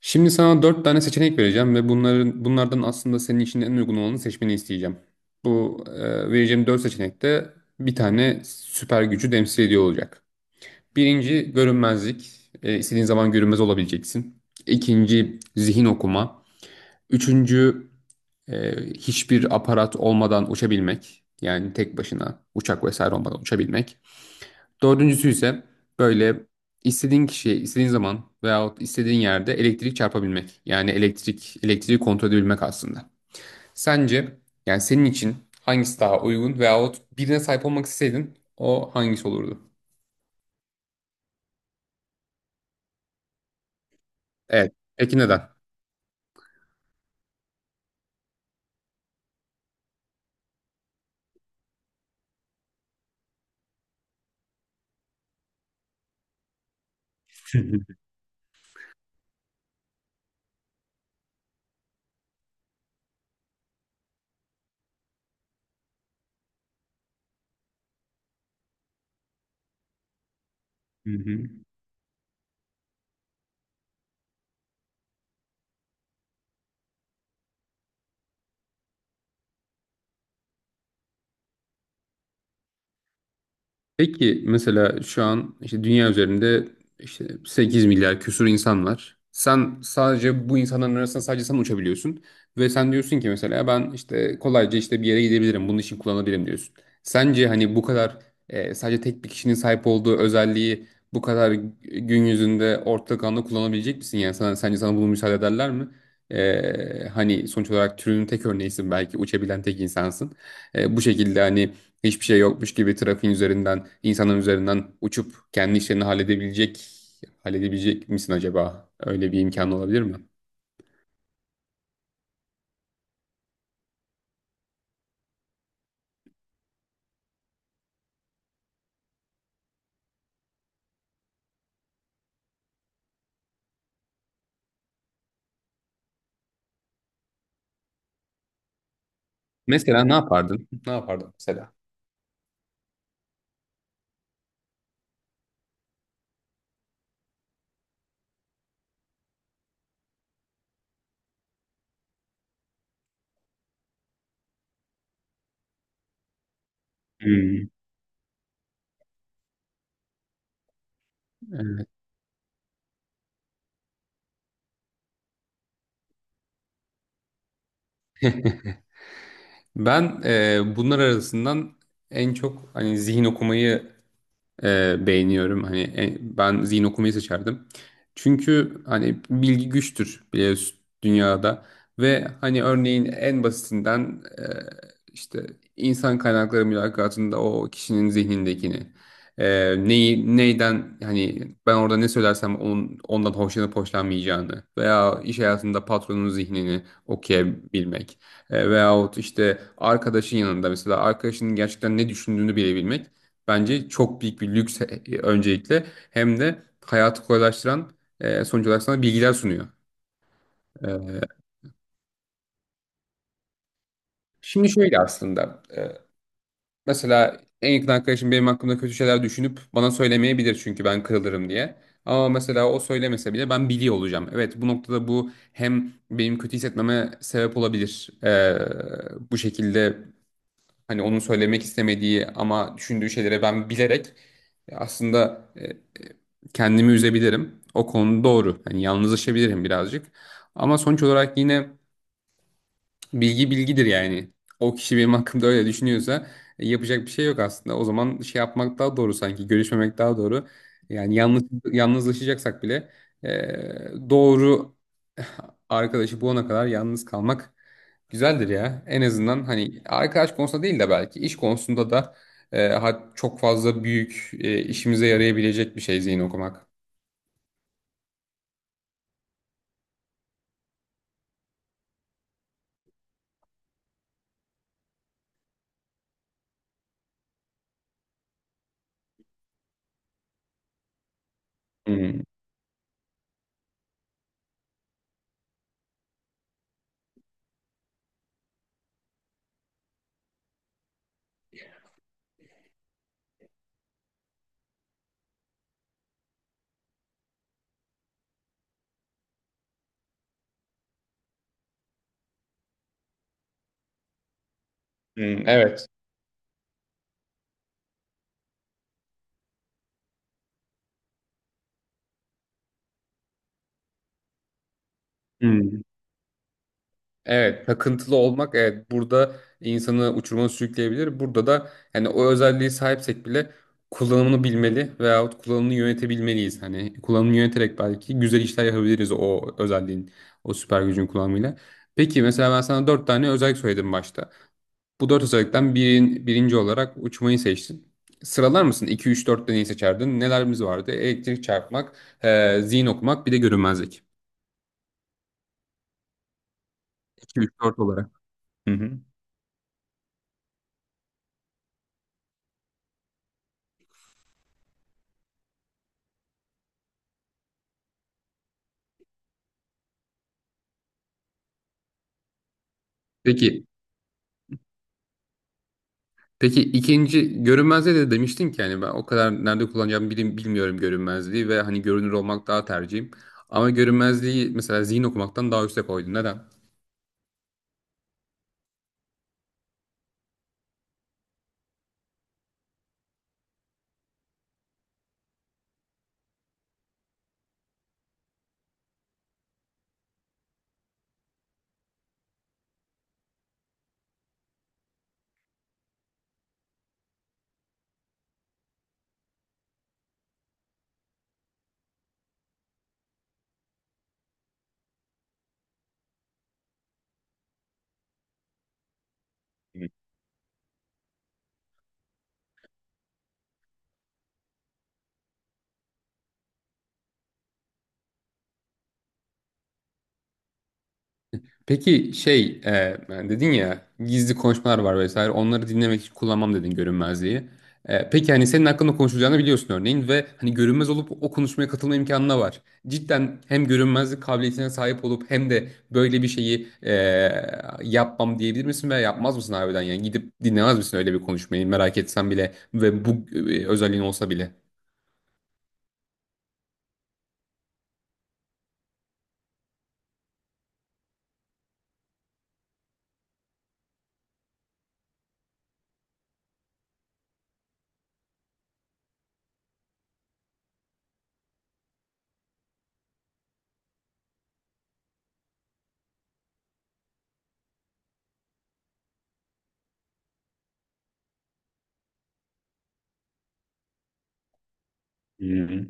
Şimdi sana dört tane seçenek vereceğim ve bunlardan aslında senin için en uygun olanı seçmeni isteyeceğim. Bu vereceğim dört seçenekte bir tane süper gücü temsil ediyor olacak. Birinci görünmezlik. İstediğin zaman görünmez olabileceksin. İkinci zihin okuma. Üçüncü e, hiçbir aparat olmadan uçabilmek. Yani tek başına uçak vesaire olmadan uçabilmek. Dördüncüsü ise böyle istediğin kişiye, istediğin zaman veyahut istediğin yerde elektrik çarpabilmek. Yani elektrik, elektriği kontrol edebilmek aslında. Sence yani senin için hangisi daha uygun veyahut birine sahip olmak isteseydin o hangisi olurdu? Evet. Peki neden? Hı hı. Peki mesela şu an işte dünya üzerinde işte 8 milyar küsur insan var. Sen sadece bu insanların arasında sadece sen uçabiliyorsun. Ve sen diyorsun ki mesela ben işte kolayca işte bir yere gidebilirim. Bunun için kullanabilirim diyorsun. Sence hani bu kadar sadece tek bir kişinin sahip olduğu özelliği bu kadar gün yüzünde ortak anda kullanabilecek misin? Yani sence sana bunu müsaade ederler mi? Hani sonuç olarak türünün tek örneğisin, belki uçabilen tek insansın. Bu şekilde hani hiçbir şey yokmuş gibi trafiğin üzerinden, insanın üzerinden uçup kendi işlerini halledebilecek misin acaba? Öyle bir imkan olabilir mi? Mesela ne yapardın? Ne yapardın mesela? Hmm. Ben bunlar arasından en çok hani zihin okumayı beğeniyorum. Hani ben zihin okumayı seçerdim. Çünkü hani bilgi güçtür biliyorsun dünyada ve hani örneğin en basitinden işte insan kaynakları mülakatında o kişinin zihnindekini neyi neyden hani ben orada ne söylersem onun, ondan hoşlanıp hoşlanmayacağını veya iş hayatında patronun zihnini okuyabilmek veyahut işte arkadaşın yanında mesela arkadaşının gerçekten ne düşündüğünü bilebilmek bence çok büyük bir lüks öncelikle, hem de hayatı kolaylaştıran, sonuç olarak sana bilgiler sunuyor. E, Şimdi şöyle aslında, mesela en yakın arkadaşım benim hakkımda kötü şeyler düşünüp bana söylemeyebilir çünkü ben kırılırım diye. Ama mesela o söylemese bile ben biliyor olacağım. Evet, bu noktada bu hem benim kötü hissetmeme sebep olabilir. Bu şekilde hani onun söylemek istemediği ama düşündüğü şeylere ben bilerek, aslında, kendimi üzebilirim. O konu doğru. Hani yalnızlaşabilirim birazcık. Ama sonuç olarak yine bilgi bilgidir yani. O kişi benim hakkımda öyle düşünüyorsa yapacak bir şey yok aslında. O zaman şey yapmak daha doğru sanki. Görüşmemek daha doğru. Yani yalnızlaşacaksak bile, e, doğru arkadaşı bulana kadar yalnız kalmak güzeldir ya. En azından hani arkadaş konusunda değil de belki iş konusunda da, çok fazla büyük, işimize yarayabilecek bir şey zihin okumak. Hmm. Hmm, evet. Evet, takıntılı olmak, evet, burada insanı uçuruma sürükleyebilir. Burada da yani o özelliği sahipsek bile kullanımını bilmeli veyahut kullanımını yönetebilmeliyiz. Hani kullanımını yöneterek belki güzel işler yapabiliriz o özelliğin, o süper gücün kullanımıyla. Peki mesela ben sana dört tane özellik söyledim başta. Bu dört özellikten birinci olarak uçmayı seçtin. Sıralar mısın? 2, 3, 4'te neyi seçerdin? Nelerimiz vardı? Elektrik çarpmak, zihin okumak, bir de görünmezlik. 2, 3, 4 olarak. Hı hı. Peki Peki, ikinci görünmezliğe de demiştin ki yani ben o kadar nerede kullanacağımı bilmiyorum görünmezliği ve hani görünür olmak daha tercihim. Ama görünmezliği mesela zihin okumaktan daha üste koydun. Neden? Peki şey, yani dedin ya gizli konuşmalar var vesaire onları dinlemek için kullanmam dedin görünmezliği. Peki hani senin hakkında konuşulacağını biliyorsun örneğin ve hani görünmez olup o konuşmaya katılma imkanına var. Cidden hem görünmezlik kabiliyetine sahip olup hem de böyle bir şeyi yapmam diyebilir misin veya yapmaz mısın harbiden yani gidip dinlemez misin öyle bir konuşmayı merak etsen bile ve bu özelliğin olsa bile. Hı.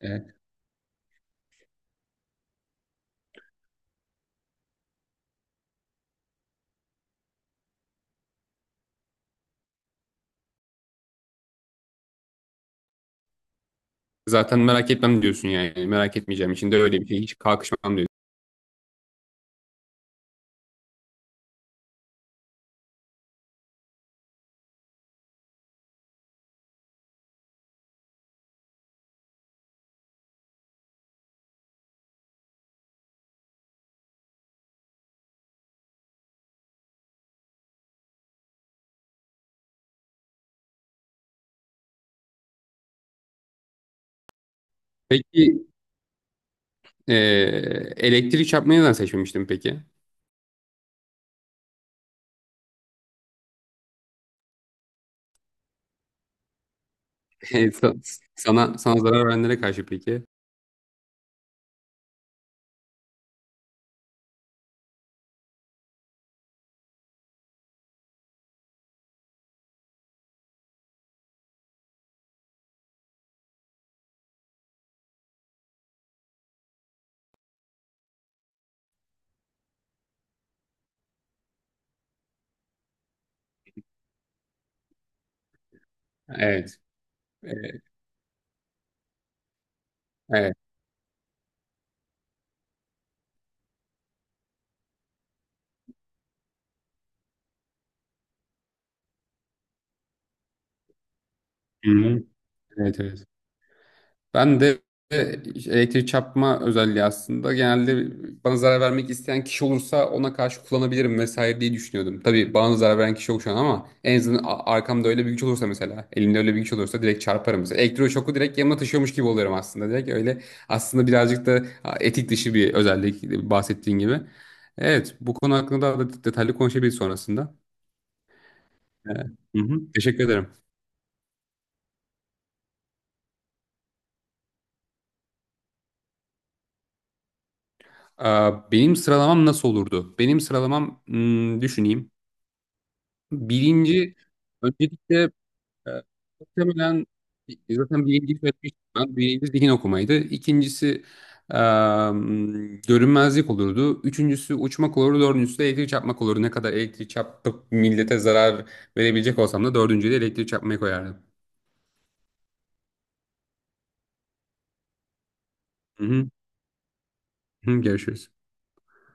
E, Zaten merak etmem diyorsun yani merak etmeyeceğim için de öyle bir şey hiç kalkışmam diyorsun. Peki, Ee, elektrik çarpmayı neden seçmemiştim peki? Evet, sana zarar verenlere karşı peki? Evet. Ee, Evet. Hı-hı. Evet, evet. Ben de e, elektrik çarpma özelliği aslında genelde bana zarar vermek isteyen kişi olursa ona karşı kullanabilirim vesaire diye düşünüyordum. Tabii bana zarar veren kişi yok şu an ama en azından arkamda öyle bir güç olursa mesela elimde öyle bir güç olursa direkt çarparım. Mesela elektroşoku direkt yanıma taşıyormuş gibi oluyorum aslında. Direkt öyle aslında birazcık da etik dışı bir özellik, bahsettiğin gibi. Evet, bu konu hakkında daha da detaylı konuşabiliriz sonrasında. Evet. Hı hı, teşekkür ederim. Aa, benim sıralamam nasıl olurdu? Benim sıralamam hmm, düşüneyim. Bilinci öncelikle, e, muhtemelen zaten birinci söylemiştim ben. Birinci zihin okumaydı. İkincisi e, görünmezlik olurdu. Üçüncüsü uçmak olurdu. Dördüncüsü de elektrik çarpmak olurdu. Ne kadar elektrik çarpıp millete zarar verebilecek olsam da dördüncüyü de elektrik çarpmayı koyardım. Hı hı. Hı, görüşürüz.